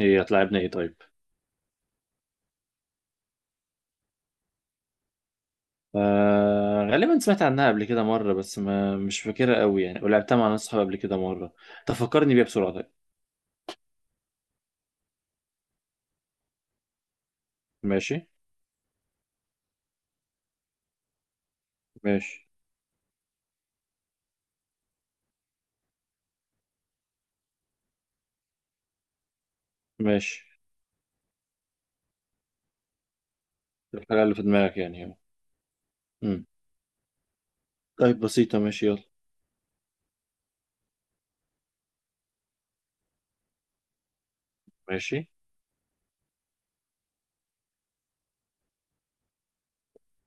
هي هتلاعبنا ايه طيب؟ آه غالبا سمعت عنها قبل كده مرة، بس ما مش فاكرها قوي يعني، ولعبتها مع ناس صحابي قبل كده مرة. تفكرني بيها بسرعة طيب. ماشي ماشي ماشي. الحاجة اللي في دماغك يعني اهو. مم. طيب بسيطة ماشي يلا. ماشي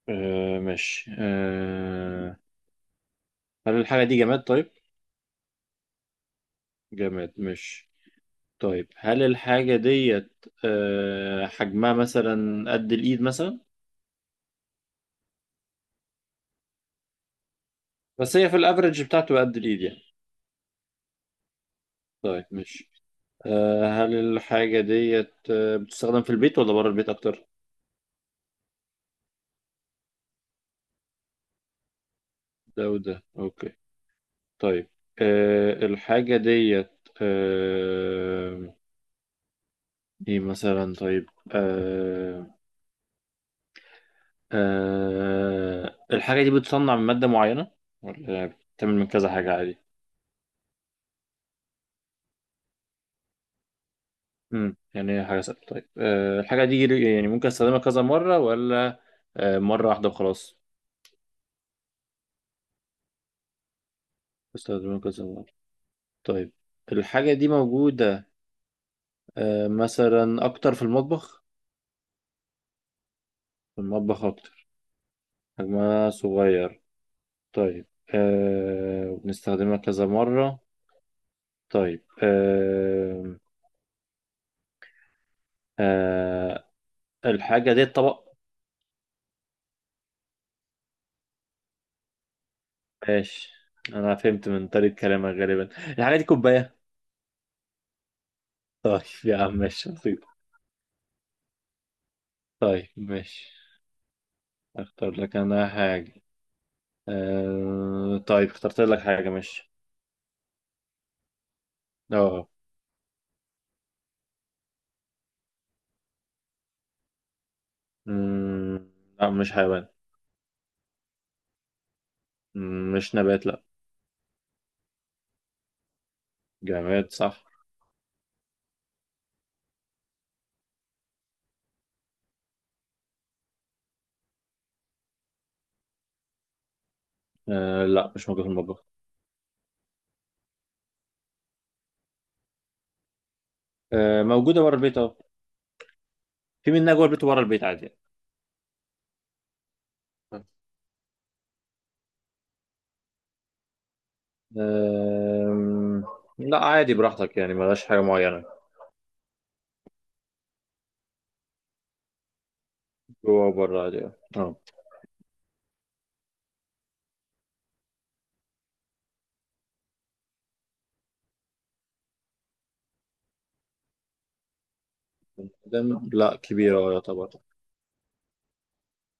آه، ماشي آه. هل الحاجة دي جماد طيب؟ جماد ماشي. طيب هل الحاجة ديت حجمها مثلا قد الإيد مثلا؟ بس هي في الأفرج بتاعته قد الإيد يعني. طيب ماشي. آه، هل الحاجة ديت بتستخدم في البيت ولا بره البيت أكتر؟ ده وده أوكي. طيب، آه، الحاجة ديت آه، إيه مثلا طيب؟ آه، الحاجة دي بتصنع من مادة معينة ولا بتتعمل من كذا حاجة عادي؟ يعني هي حاجة سهلة. طيب آه، الحاجة دي يعني ممكن أستخدمها كذا مرة ولا مرة واحدة وخلاص؟ بستخدمها كذا مرة. طيب، الحاجة دي موجودة آه، مثلا أكتر في المطبخ؟ في المطبخ أكتر، حجمها صغير. طيب أه، وبنستخدمها كذا مرة. طيب أه، أه، الحاجة دي طبق؟ ماشي، أنا فهمت من طريقة كلامك غالبا الحاجة دي كوباية. طيب يا عم ماشي بسيطة. طيب ماشي. أختار لك أنا حاجة. أه طيب، اخترت لك حاجة ماشي. اه. مم، لا مش حيوان. مم، مش نبات لا. جماد صح. أه لا، مش موجود في المطبخ. أه موجودة بره البيت أهو. في منها جوه البيت وبره البيت عادي يعني. آه. أم... لا عادي براحتك يعني، ملهاش حاجة معينة. جوه وبره عادي يعني. اه. دم لا كبيرة اه يعتبر.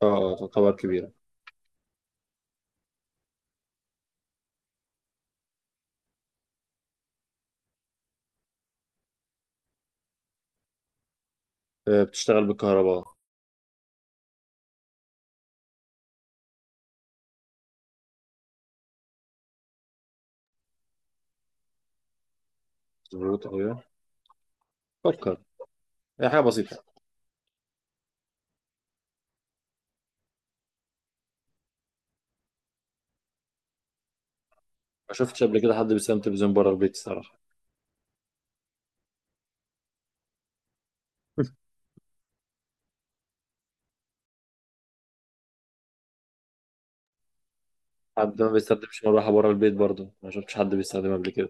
اه اه، تعتبر كبيرة. آه، بتشتغل بالكهرباء. مظبوط أوي يعني. فكر. هي حاجة بسيطة. ما شفتش قبل كده حد بيستخدم تلفزيون بره البيت الصراحة. حد ما بيستخدمش مروحة بره البيت برضه، ما شفتش حد بيستخدمها قبل كده.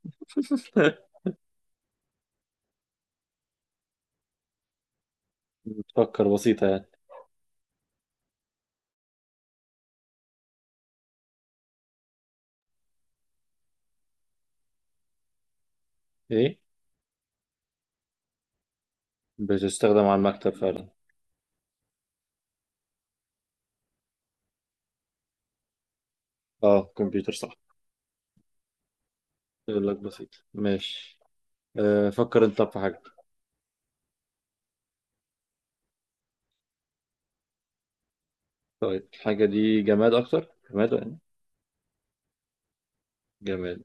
بتفكر بسيطة يعني. ايه؟ بتستخدم على المكتب فعلا. اه كمبيوتر صح. يقول لك بسيط ماشي. آه، فكر انت في حاجة. طيب، الحاجة دي جماد أكتر جماد يعني؟ جماد،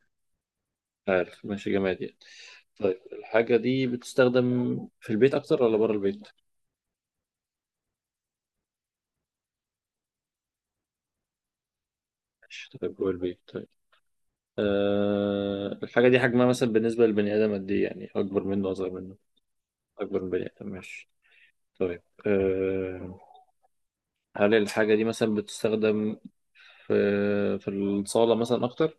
عارف ماشي جماد يعني. طيب، الحاجة دي بتستخدم في البيت أكتر ولا بره البيت؟ ماشي طيب، جوه البيت طيب. أه، الحاجة دي حجمها مثلا بالنسبة للبني آدم قد إيه يعني، أكبر منه أصغر منه؟ أكبر من بني آدم ماشي. طيب أه، هل الحاجة دي مثلا بتستخدم في في الصالة مثلا أكتر؟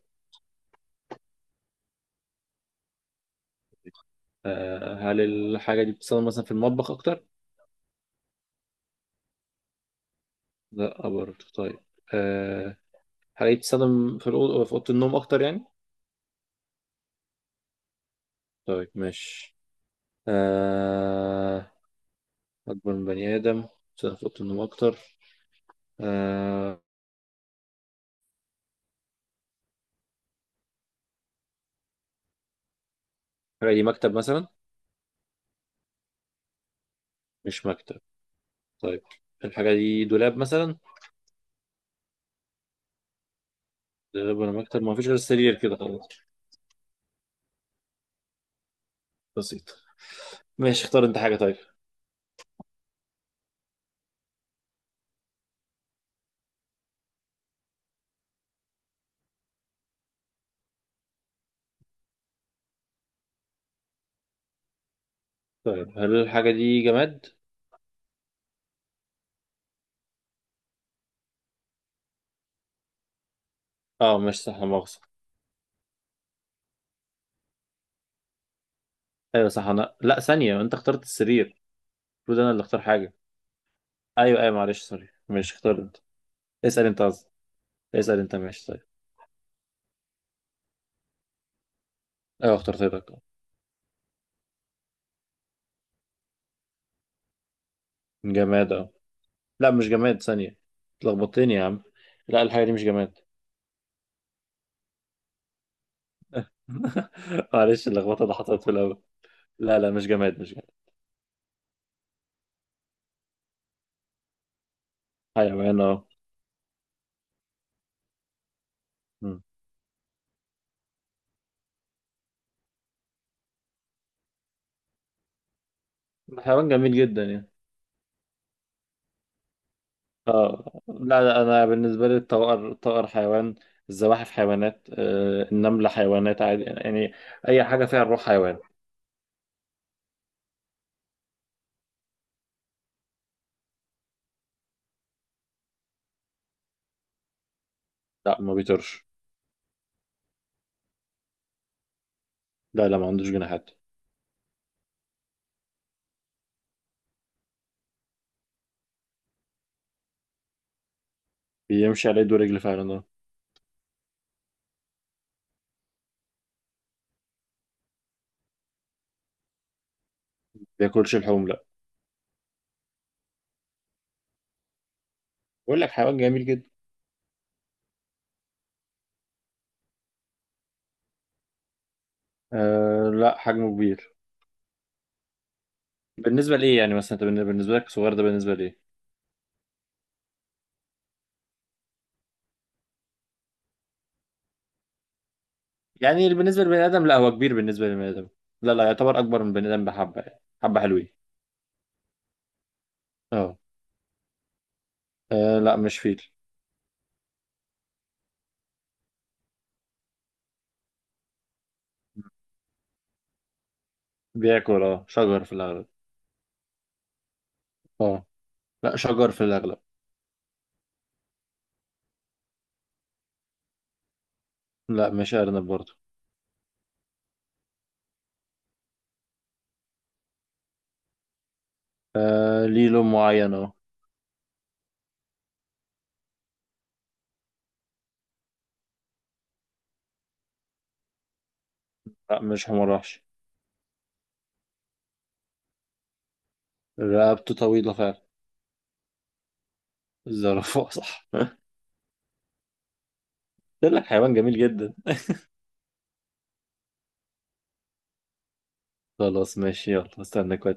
أه، هل الحاجة دي بتستخدم مثلا في المطبخ أكتر؟ لا برضه طيب. أه، هل هي بتستخدم في الأوضة، في أوضة النوم أكتر يعني؟ طيب ماشي. آه... أكبر من بني آدم، سقف أوضة النوم أكتر. آه... الحاجة دي مكتب مثلا؟ مش مكتب طيب. الحاجة دي دولاب مثلا؟ دولاب ولا مكتب، ما فيش غير السرير كده خلاص. بسيط ماشي. اختار أنت حاجة طيب. طيب، هل الحاجة دي جماد؟ أه مش صح، لا مؤاخذة. أيوة صح، أنا لا ثانية، أنت اخترت السرير. المفروض أنا اللي أختار حاجة. أيوة أيوة معلش سوري، ماشي اختار أنت. اسأل أنت قصدي، اسأل أنت ماشي طيب. أيوة اخترت لك. جماد؟ أه. لا مش جماد، ثانية، اتلخبطتني يا عم. لا، الحاجة دي مش جماد. معلش، اللخبطة اللي حصلت في الأول. لا لا، مش جماد مش جماد. حيوان اه. مم. حيوان جميل جدا يعني. اه لا لا، أنا بالنسبة لي الطائر، الطائر حيوان. الزواحف حيوانات، آه، النملة حيوانات عادي يعني. أي حاجة فيها الروح حيوان. لا، ما بيطيرش. لا لا، ما عندوش جناحات. بيمشي على إيده ورجل فعلا اه. بياكلش اللحوم لا. بقول لك حيوان جميل جدا. آه لا، حجمه كبير. بالنسبة لإيه يعني؟ مثلا أنت بالنسبة لك صغير ده بالنسبة لإيه؟ يعني بالنسبة للبني آدم، لا هو كبير بالنسبة للبني آدم. لا لا، يعتبر أكبر من البني آدم بحبة يعني، حبة حلوين. اه. آه، لا مش فيل. بياكل اه شجر في الأغلب. اه لا، شجر في الأغلب. لا مش أرنب برضه. آه، ليه لون معين اه. لا مش حمار وحش. رقبته طويلة فعلا. الزرافة صح. ده لك حيوان جميل جدا. خلاص ماشي يلا، استنى كويس.